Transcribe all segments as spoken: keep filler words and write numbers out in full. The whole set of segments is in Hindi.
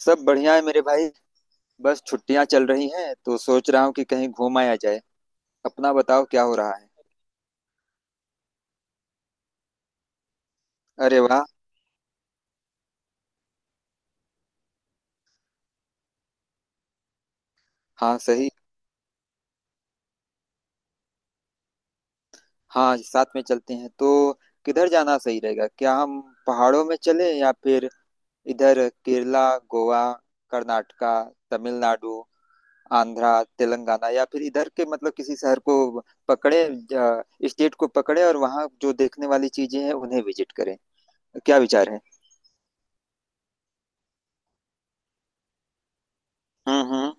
सब बढ़िया है मेरे भाई। बस छुट्टियां चल रही हैं तो सोच रहा हूँ कि कहीं घूम आया जाए। अपना बताओ क्या हो रहा है। अरे वाह। हाँ सही। हाँ, साथ में चलते हैं तो किधर जाना सही रहेगा क्या हम? पहाड़ों में चलें या फिर इधर केरला, गोवा, कर्नाटका, तमिलनाडु, आंध्रा, तेलंगाना या फिर इधर के मतलब किसी शहर को पकड़े, स्टेट को पकड़े और वहाँ जो देखने वाली चीजें हैं उन्हें विजिट करें। क्या विचार है? हम्म, हम्म।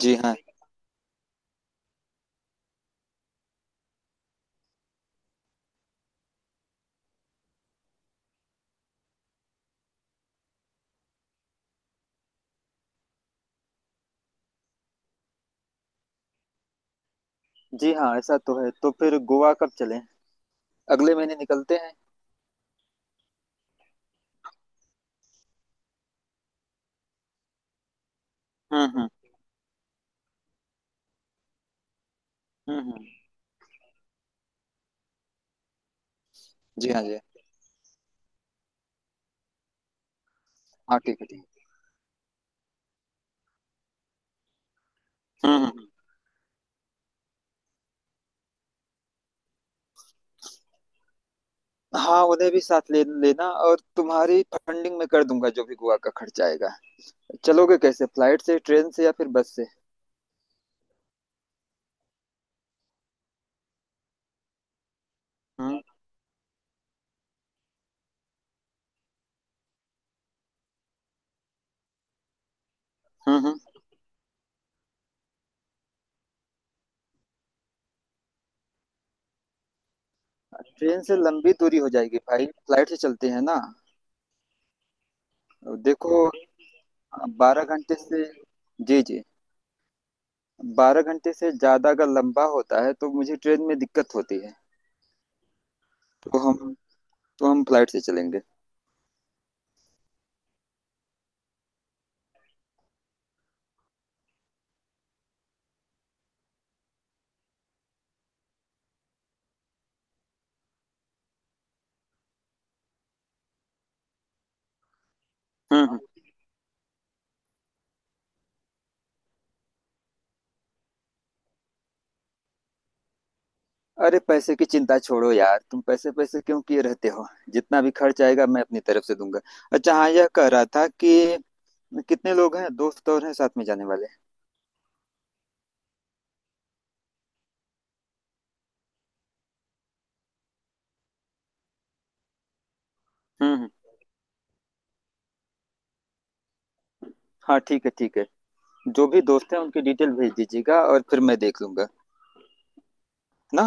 जी हाँ। जी हाँ, ऐसा तो है, तो फिर गोवा कब चलें? अगले महीने निकलते हैं। हम्म, हम्म। हम्म, हम्म, जी हाँ, जी हाँ। हाँ, ठीक है, ठीक है। हम्म, हम्म, हाँ, उन्हें भी साथ ले लेना और तुम्हारी फंडिंग में कर दूंगा, जो भी गोवा का खर्चा आएगा। चलोगे कैसे, फ्लाइट से, ट्रेन से या फिर बस से? हम्म। हम्म, हम्म, ट्रेन से लंबी दूरी हो जाएगी भाई, फ्लाइट से चलते हैं ना। देखो, बारह घंटे से जी, जी। बारह घंटे से ज्यादा अगर लंबा होता है तो मुझे ट्रेन में दिक्कत होती है। तो हम तो हम फ्लाइट से चलेंगे। हम्म। अरे, पैसे की चिंता छोड़ो यार, तुम पैसे पैसे क्यों किए रहते हो। जितना भी खर्च आएगा मैं अपनी तरफ से दूंगा। अच्छा, हाँ, यह कह रहा था कि कितने लोग हैं, दोस्त और हैं साथ में जाने वाले? हम्म, हम्म, हाँ ठीक है, ठीक है। जो भी दोस्त हैं उनकी डिटेल भेज दीजिएगा और फिर मैं देख लूंगा ना।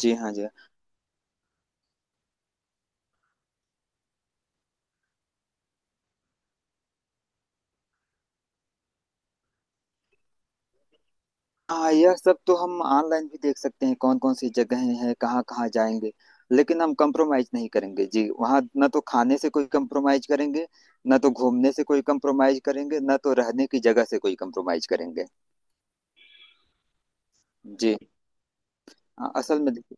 जी हाँ, जी हाँ। हाँ, यह सब तो हम ऑनलाइन भी देख सकते हैं, कौन कौन सी जगहें हैं, कहाँ कहाँ जाएंगे। लेकिन हम कंप्रोमाइज नहीं करेंगे जी, वहाँ ना तो खाने से कोई कंप्रोमाइज करेंगे, ना तो घूमने से कोई कंप्रोमाइज करेंगे, ना तो रहने की जगह से कोई कंप्रोमाइज करेंगे। जी। हाँ असल में देखिए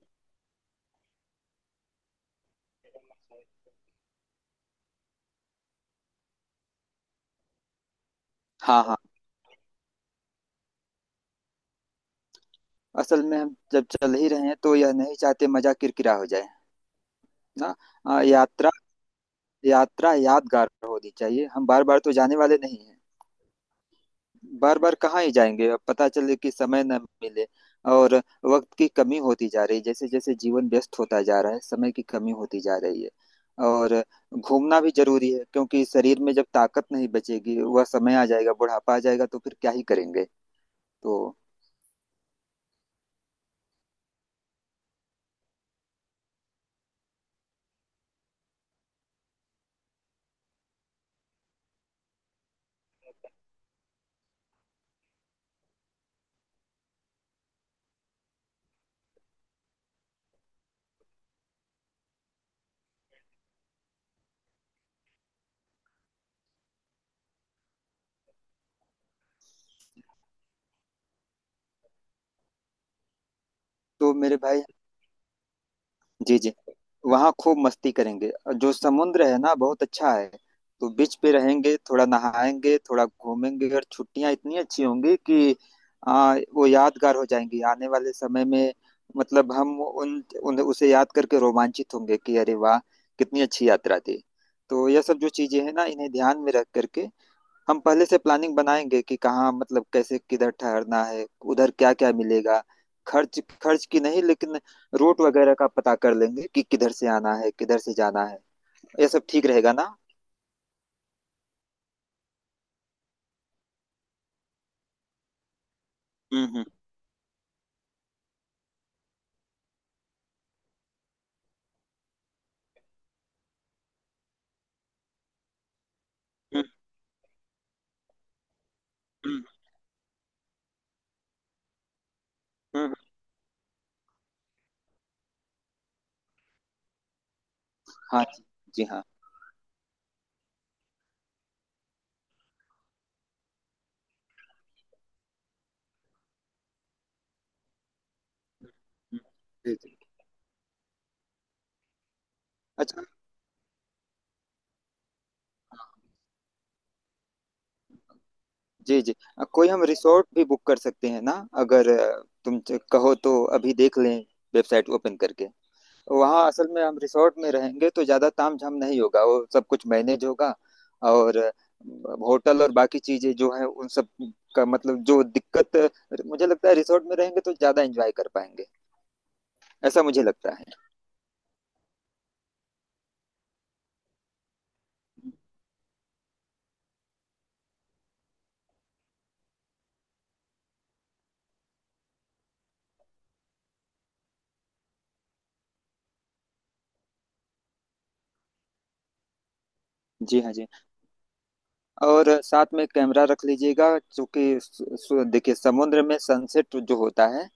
हाँ, हाँ, असल में हम जब चल ही रहे हैं तो यह नहीं चाहते मजा किरकिरा हो जाए ना। आ, यात्रा यात्रा यादगार होनी चाहिए। हम बार बार तो जाने वाले नहीं हैं। बार बार कहाँ ही जाएंगे, अब पता चले कि समय न मिले। और वक्त की कमी होती जा रही है, जैसे जैसे जीवन व्यस्त होता जा रहा है, समय की कमी होती जा रही है। और घूमना भी जरूरी है, क्योंकि शरीर में जब ताकत नहीं बचेगी, वह समय आ जाएगा, बुढ़ापा आ जाएगा, तो फिर क्या ही करेंगे। तो तो मेरे भाई, जी, जी, वहाँ खूब मस्ती करेंगे। जो समुद्र है ना, बहुत अच्छा है। तो बीच पे रहेंगे, थोड़ा नहाएंगे, थोड़ा घूमेंगे और छुट्टियाँ इतनी अच्छी होंगी कि आ, वो यादगार हो जाएंगी आने वाले समय में। मतलब हम उन, उन उसे याद करके रोमांचित होंगे कि अरे वाह, कितनी अच्छी यात्रा थी। तो यह सब जो चीजें हैं ना, इन्हें ध्यान में रख करके हम पहले से प्लानिंग बनाएंगे कि कहाँ, मतलब कैसे, किधर ठहरना है, उधर क्या क्या मिलेगा। खर्च खर्च की नहीं, लेकिन रूट वगैरह का पता कर लेंगे कि किधर से आना है, किधर से जाना है। ये सब ठीक रहेगा ना? हम्म, हम्म, हम्म, हम्म, हम्म, हाँ जी। जी हाँ। हम्म, जी, जी। अच्छा, जी, जी। अ, कोई हम रिसोर्ट भी बुक कर सकते हैं ना? अगर अ, तुम च- कहो तो अभी देख लें, वेबसाइट ओपन करके। तो वहाँ असल में हम रिसोर्ट में रहेंगे तो ज़्यादा तामझाम नहीं होगा, वो सब कुछ मैनेज होगा। और होटल और बाकी चीज़ें जो हैं, उन सब का मतलब जो दिक्कत, मुझे लगता है रिसोर्ट में रहेंगे तो ज़्यादा एंजॉय कर पाएंगे। ऐसा मुझे लगता है। जी हाँ, जी। और साथ में कैमरा रख लीजिएगा, क्योंकि सु- सु- देखिए, समुद्र में सनसेट जो होता है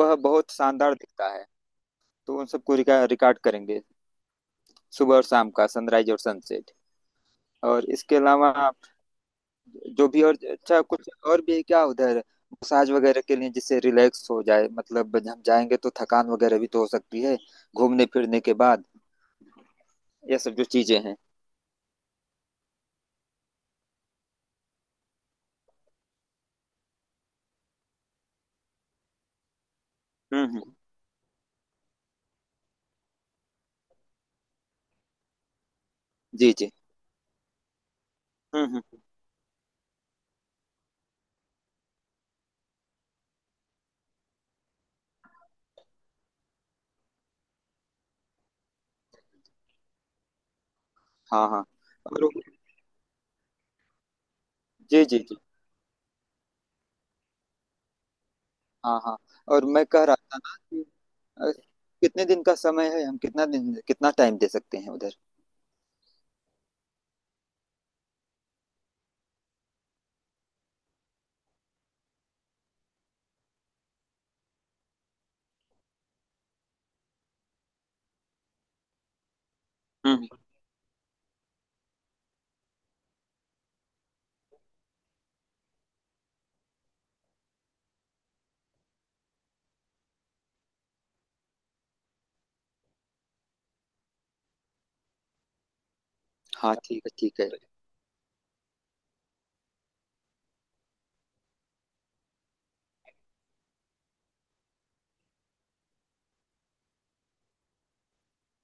वह बहुत शानदार दिखता है। तो उन सबको रिकॉर्ड करेंगे, सुबह और शाम का सनराइज और सनसेट। और इसके अलावा जो भी और अच्छा कुछ और भी है क्या उधर, मसाज वगैरह के लिए, जिससे रिलैक्स हो जाए। मतलब हम जाएंगे तो थकान वगैरह भी तो हो सकती है घूमने फिरने के बाद। ये सब जो चीजें हैं। हम्म, हम्म, जी, जी, हम्म, हम्म, हाँ, हाँ। और जी, जी, जी, हाँ, हाँ। और मैं कह रहा था ना कि अ, कितने दिन का समय है, हम कितना दिन, कितना टाइम दे सकते हैं उधर? हम्म, हाँ ठीक है, ठीक है।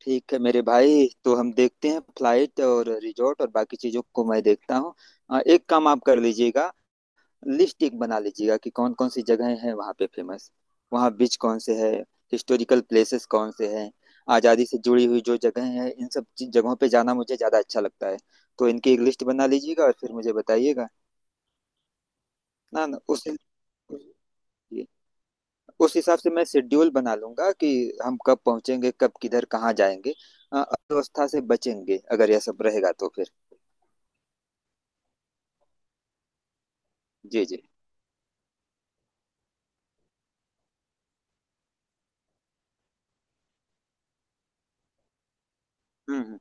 ठीक है मेरे भाई, तो हम देखते हैं फ्लाइट और रिजॉर्ट और बाकी चीजों को मैं देखता हूँ। अ, एक काम आप कर लीजिएगा, लिस्ट एक बना लीजिएगा कि कौन कौन सी जगहें हैं वहाँ पे फेमस, वहाँ बीच कौन से है, हिस्टोरिकल प्लेसेस कौन से हैं, आज़ादी से जुड़ी हुई जो जगहें हैं, इन सब चीज- जगहों पे जाना मुझे ज़्यादा अच्छा लगता है। तो इनकी एक लिस्ट बना लीजिएगा और फिर मुझे बताइएगा। ना, ना, उस उस हिसाब से मैं शेड्यूल बना लूंगा कि हम कब पहुंचेंगे, कब किधर कहाँ जाएंगे। अ, अव्यवस्था से बचेंगे अगर यह सब रहेगा तो फिर। जी, जी, हम्म, हम्म,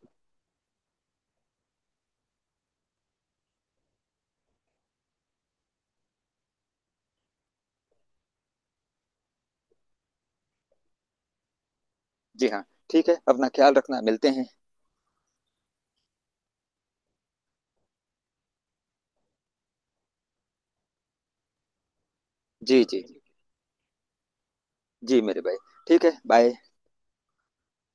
जी हाँ। ठीक है, अपना ख्याल रखना, मिलते हैं। जी, जी, जी मेरे भाई। ठीक है, बाय।